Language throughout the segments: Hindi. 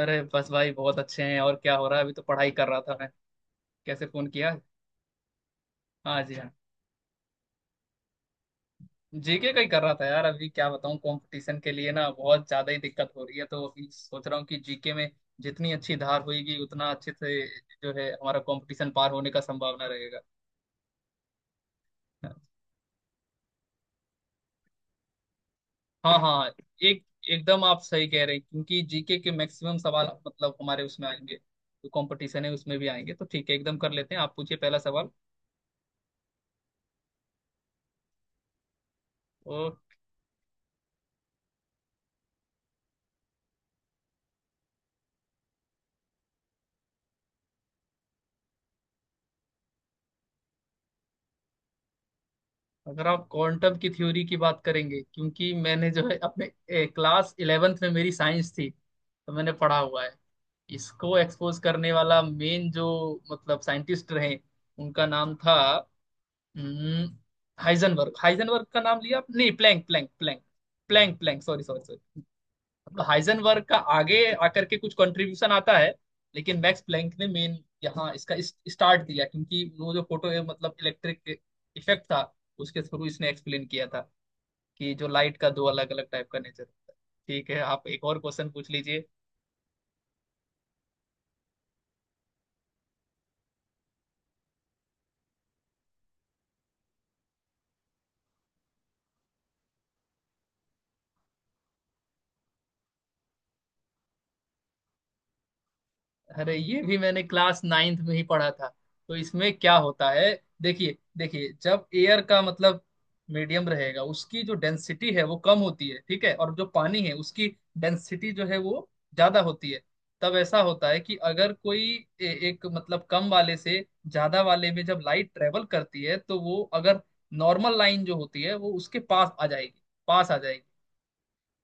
अरे बस भाई बहुत अच्छे हैं। और क्या हो रहा है? अभी तो पढ़ाई कर रहा था मैं। कैसे फोन किया? हाँ जी हाँ। जीके का ही कर रहा था यार। अभी क्या बताऊँ, कंपटीशन के लिए ना बहुत ज्यादा ही दिक्कत हो रही है, तो अभी सोच रहा हूँ कि जीके में जितनी अच्छी धार होगी उतना अच्छे से जो है हमारा कंपटीशन पार होने का संभावना रहेगा। हाँ हाँ हाँ। एक एकदम आप सही कह रहे हैं, क्योंकि जीके के मैक्सिमम सवाल मतलब हमारे उसमें आएंगे, जो कंपटीशन है उसमें भी आएंगे। तो ठीक है, एकदम कर लेते हैं। आप पूछिए पहला सवाल। अगर आप क्वांटम की थ्योरी की बात करेंगे, क्योंकि मैंने जो है अपने क्लास इलेवेंथ में मेरी साइंस थी, तो मैंने पढ़ा हुआ है। इसको एक्सपोज करने वाला मेन जो मतलब साइंटिस्ट रहे, उनका नाम था हाइजनबर्ग। हाइजनबर्ग का नाम लिया आप- नहीं, Planck Planck Planck sorry sorry sorry. मतलब हाइजेनबर्ग का आगे आकर के कुछ कंट्रीब्यूशन आता है, लेकिन मैक्स प्लैंक ने मेन यहाँ इसका स्टार्ट दिया, क्योंकि वो जो फोटो है मतलब इलेक्ट्रिक इफेक्ट था, उसके थ्रू इसने एक्सप्लेन किया था कि जो लाइट का दो अलग अलग टाइप का नेचर होता है। ठीक है, आप एक और क्वेश्चन पूछ लीजिए। अरे ये भी मैंने क्लास नाइन्थ में ही पढ़ा था। तो इसमें क्या होता है, देखिए देखिए, जब एयर का मतलब मीडियम रहेगा, उसकी जो डेंसिटी है वो कम होती है, ठीक है, और जो पानी है उसकी डेंसिटी जो है वो ज्यादा होती है। तब ऐसा होता है कि अगर कोई ए, एक मतलब कम वाले से ज्यादा वाले में जब लाइट ट्रेवल करती है, तो वो अगर नॉर्मल लाइन जो होती है वो उसके पास आ जाएगी, पास आ जाएगी।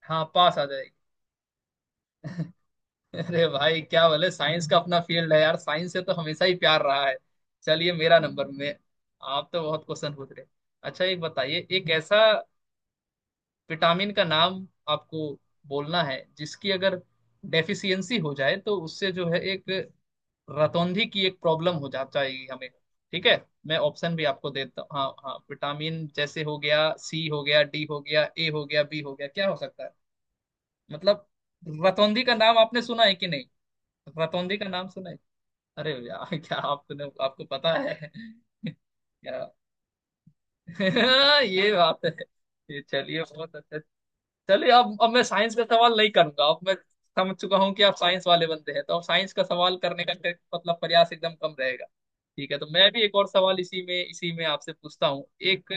हाँ, पास आ जाएगी। अरे भाई क्या बोले, साइंस का अपना फील्ड है यार, साइंस से तो हमेशा ही प्यार रहा है। चलिए मेरा नंबर में। आप तो बहुत क्वेश्चन पूछ रहे। अच्छा, एक बताइए, एक ऐसा विटामिन का नाम आपको बोलना है जिसकी अगर डेफिशिएंसी हो जाए तो उससे जो है एक रतौंधी की एक प्रॉब्लम हो जा जाएगी हमें। ठीक है, मैं ऑप्शन भी आपको देता हूँ। हाँ हाँ, विटामिन जैसे हो गया सी, हो गया डी, हो गया ए, हो गया बी, हो गया, क्या हो सकता है मतलब? रतौंधी का नाम आपने सुना है कि नहीं? रतौंधी का नाम सुना है? अरे यार क्या आपने, आपको पता है क्या? ये बात है। ये चलिए, बहुत अच्छा। चलिए अब, मैं साइंस का सवाल नहीं करूंगा। अब मैं समझ चुका हूँ कि आप साइंस वाले बंदे हैं, तो अब साइंस का सवाल करने का फिर मतलब प्रयास एकदम कम रहेगा। ठीक है, तो मैं भी एक और सवाल इसी में आपसे पूछता हूँ। एक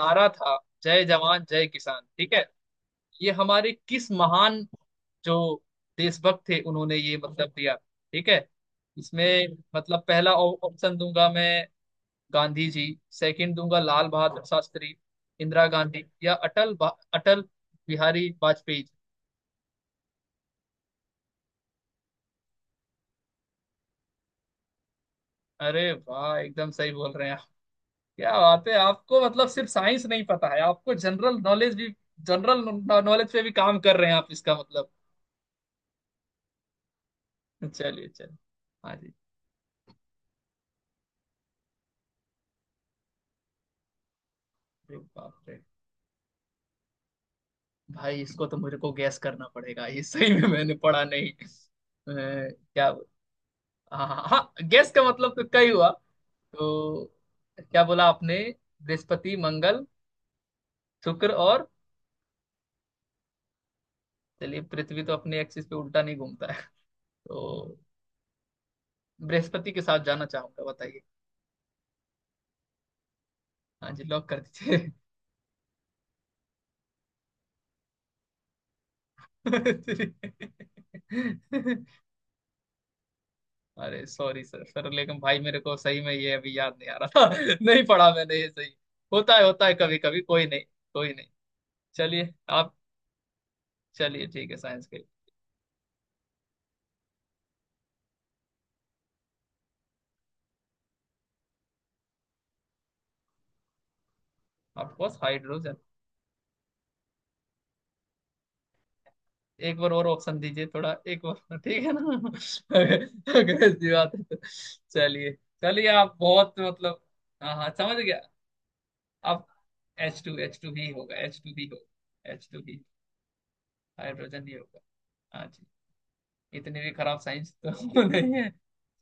नारा था जय जवान जय किसान, ठीक है। ये हमारे किस महान जो देशभक्त थे उन्होंने ये मतलब दिया, ठीक है। इसमें मतलब पहला ऑप्शन दूंगा मैं गांधी जी, सेकंड दूंगा लाल बहादुर शास्त्री, इंदिरा गांधी, या अटल बिहारी वाजपेयी जी। अरे वाह, एकदम सही बोल रहे हैं आप। क्या बात है, आपको मतलब सिर्फ साइंस नहीं पता है, आपको जनरल नॉलेज भी, जनरल नॉलेज पे भी काम कर रहे हैं आप, इसका मतलब। चलिए चलिए, हाँ जी। अरे बाप रे, भाई इसको तो मेरे को गैस करना पड़ेगा, ये सही में मैंने पढ़ा नहीं। अ, क्या हाँ हाँ हाँ, गैस का मतलब तो कई हुआ। तो क्या बोला आपने? बृहस्पति, मंगल, शुक्र और, चलिए पृथ्वी तो अपने एक्सिस पे उल्टा नहीं घूमता है, तो बृहस्पति के साथ जाना चाहूंगा, बताइए। हाँ जी, लॉक कर दीजिए। अरे सॉरी सर सर, लेकिन भाई मेरे को सही में ये अभी याद नहीं आ रहा था नहीं पढ़ा मैंने ये सही। होता है कभी कभी, कोई नहीं, कोई नहीं। चलिए आप, चलिए ठीक है साइंस के। Of course hydrogen. एक बार और ऑप्शन दीजिए थोड़ा, एक बार और, ठीक है ना अगर अगर ऐसी बात है तो, चलिए चलिए, आप बहुत मतलब, हाँ हाँ समझ गया। आप, एच टू ही होगा, एच टू ही होगा, एच टू ही हाइड्रोजन ही होगा। हाँ जी, इतनी भी खराब साइंस तो नहीं है।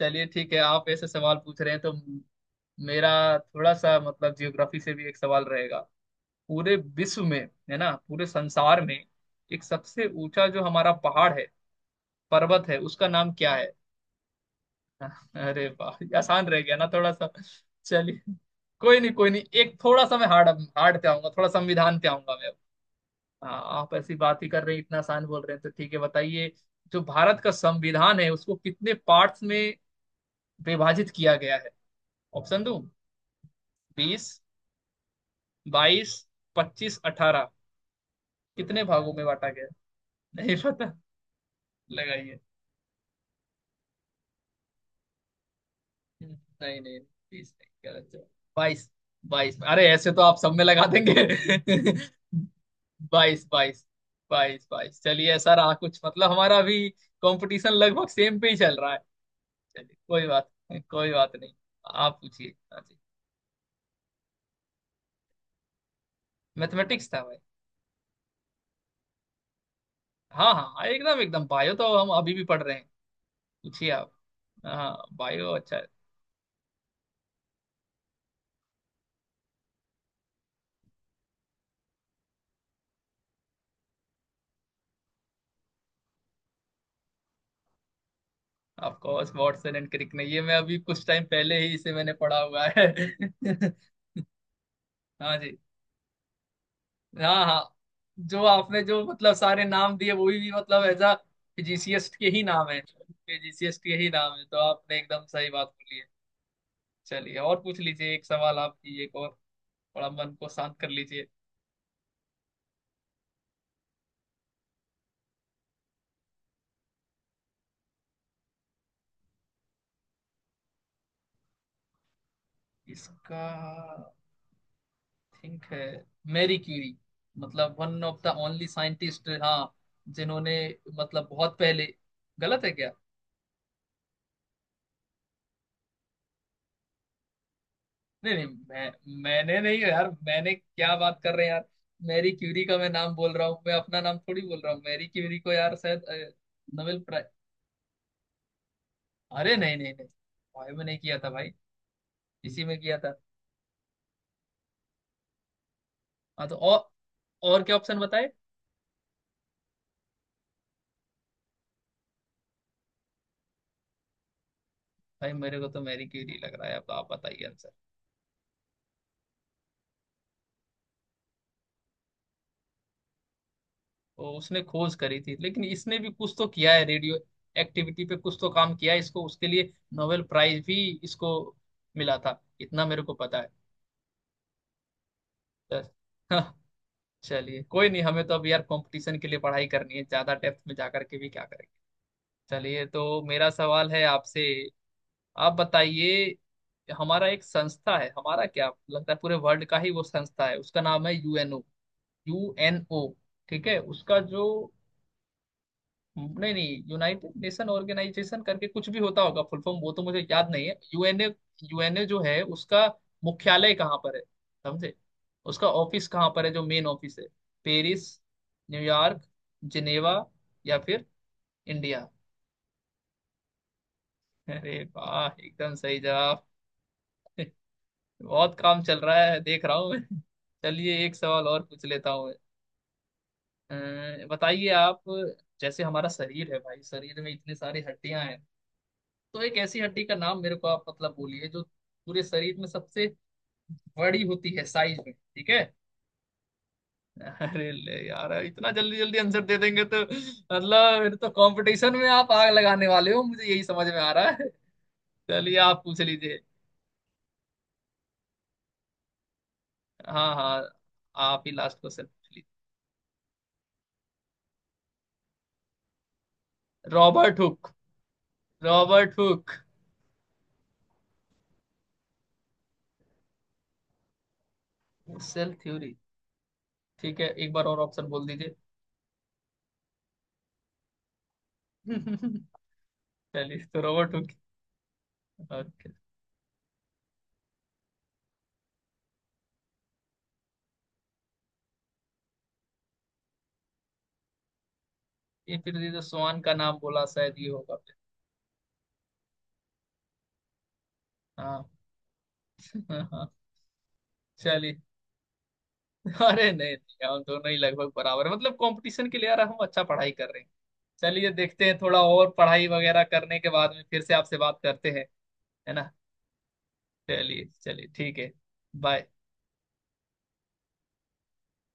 चलिए ठीक है, आप ऐसे सवाल पूछ रहे हैं तो। मेरा थोड़ा सा मतलब जियोग्राफी से भी एक सवाल रहेगा। पूरे विश्व में, है ना, पूरे संसार में एक सबसे ऊंचा जो हमारा पहाड़ है, पर्वत है, उसका नाम क्या है? अरे वाह, ये आसान रह गया ना थोड़ा सा। चलिए कोई नहीं, कोई नहीं, एक थोड़ा सा मैं हार्ड, पे आऊंगा, थोड़ा संविधान पे आऊंगा मैं। हाँ, आप ऐसी बात ही कर रहे हैं, इतना आसान बोल रहे हैं तो ठीक है बताइए। जो भारत का संविधान है उसको कितने पार्ट्स में विभाजित किया गया है? ऑप्शन दूं? बीस, बाईस, पच्चीस, अठारह, कितने भागों में बांटा गया है? नहीं पता, लगाइए। नहीं नहीं बीस नहीं, गलत जवाब। बाईस? अरे ऐसे तो आप सब में लगा देंगे बाईस, बाईस। चलिए सर, आ कुछ मतलब हमारा भी कंपटीशन लगभग सेम पे ही चल रहा है। चलिए कोई बात नहीं, कोई बात नहीं। आप पूछिए, हाँ जी। मैथमेटिक्स था भाई। हाँ हाँ हाँ, एकदम एकदम, बायो तो हम अभी भी पढ़ रहे हैं। पूछिए आप। हाँ बायो अच्छा है। ऑफकोर्स वाटसन एंड क्रिक ने, ये मैं अभी कुछ टाइम पहले ही इसे मैंने पढ़ा हुआ है। हाँ जी, हाँ हाँ, जो आपने जो मतलब सारे नाम दिए वही भी मतलब एज अ फिजिशियस्ट के ही नाम है, तो आपने एकदम सही बात बोली है। चलिए और पूछ लीजिए एक सवाल आपकी, एक और थोड़ा मन को शांत कर लीजिए। इसका थिंक है मैरी क्यूरी, मतलब one of the only scientist हाँ, जिन्होंने मतलब बहुत पहले, गलत है क्या? नहीं नहीं, मैंने नहीं यार, मैंने क्या, बात कर रहे हैं यार। मैरी क्यूरी का मैं नाम बोल रहा हूँ, मैं अपना नाम थोड़ी बोल रहा हूँ। मैरी क्यूरी को यार शायद नोबेल प्राइज। अरे नहीं नहीं नहीं, भाई में नहीं किया था भाई, इसी में किया था। हाँ तो, और क्या ऑप्शन बताए? भाई मेरे को तो मैरी क्यूरी लग रहा है, अब आप बताइए आंसर। तो उसने खोज करी थी, लेकिन इसने भी कुछ तो किया है रेडियो एक्टिविटी पे, कुछ तो काम किया है, इसको उसके लिए नोबेल प्राइज भी इसको मिला था, इतना मेरे को पता है। चलिए कोई नहीं, हमें तो अब यार कंपटीशन के लिए पढ़ाई करनी है, ज्यादा डेप्थ में जाकर के भी क्या करेंगे। चलिए तो मेरा सवाल है आपसे, आप बताइए। हमारा एक संस्था है, हमारा क्या लगता है पूरे वर्ल्ड का ही वो संस्था है, उसका नाम है यूएनओ, यूएनओ ठीक है। उसका जो, नहीं नहीं, यूनाइटेड नेशन ऑर्गेनाइजेशन करके कुछ भी होता होगा फुल फॉर्म, वो तो मुझे याद नहीं है। यूएनए, जो है उसका मुख्यालय कहाँ पर है, समझे? उसका ऑफिस कहाँ पर है, जो मेन ऑफिस है? पेरिस, न्यूयॉर्क, जिनेवा, या फिर इंडिया। अरे वाह, एकदम सही जवाब। बहुत काम चल रहा है देख रहा हूँ मैं। चलिए एक सवाल और पूछ लेता हूँ मैं। बताइए आप, जैसे हमारा शरीर है भाई, शरीर में इतने सारी हड्डियां हैं, तो एक ऐसी हड्डी का नाम मेरे को आप मतलब बोलिए जो पूरे शरीर में सबसे बड़ी होती है साइज में, ठीक है। अरे ले यार, इतना जल्दी जल्दी आंसर दे देंगे तो मतलब फिर तो कंपटीशन में आप आग लगाने वाले हो, मुझे यही समझ में आ रहा है। चलिए आप पूछ लीजिए, हाँ हाँ, आप ही लास्ट क्वेश्चन पूछ लीजिए। Robert Hooke, Robert Hooke cell theory, ठीक है, एक बार और ऑप्शन बोल दीजिए। चलिए तो रॉबर्ट हुक। ओके, ये फिर ये जो स्वान का नाम बोला शायद ये होगा फिर। हाँ। चलिए। अरे नहीं नहीं, हम दोनों ही लगभग बराबर हैं। मतलब कंपटीशन के लिए यार हम अच्छा पढ़ाई कर रहे हैं। चलिए देखते हैं, थोड़ा और पढ़ाई वगैरह करने के बाद में फिर से आपसे बात करते हैं, है ना। चलिए चलिए ठीक है। बाय।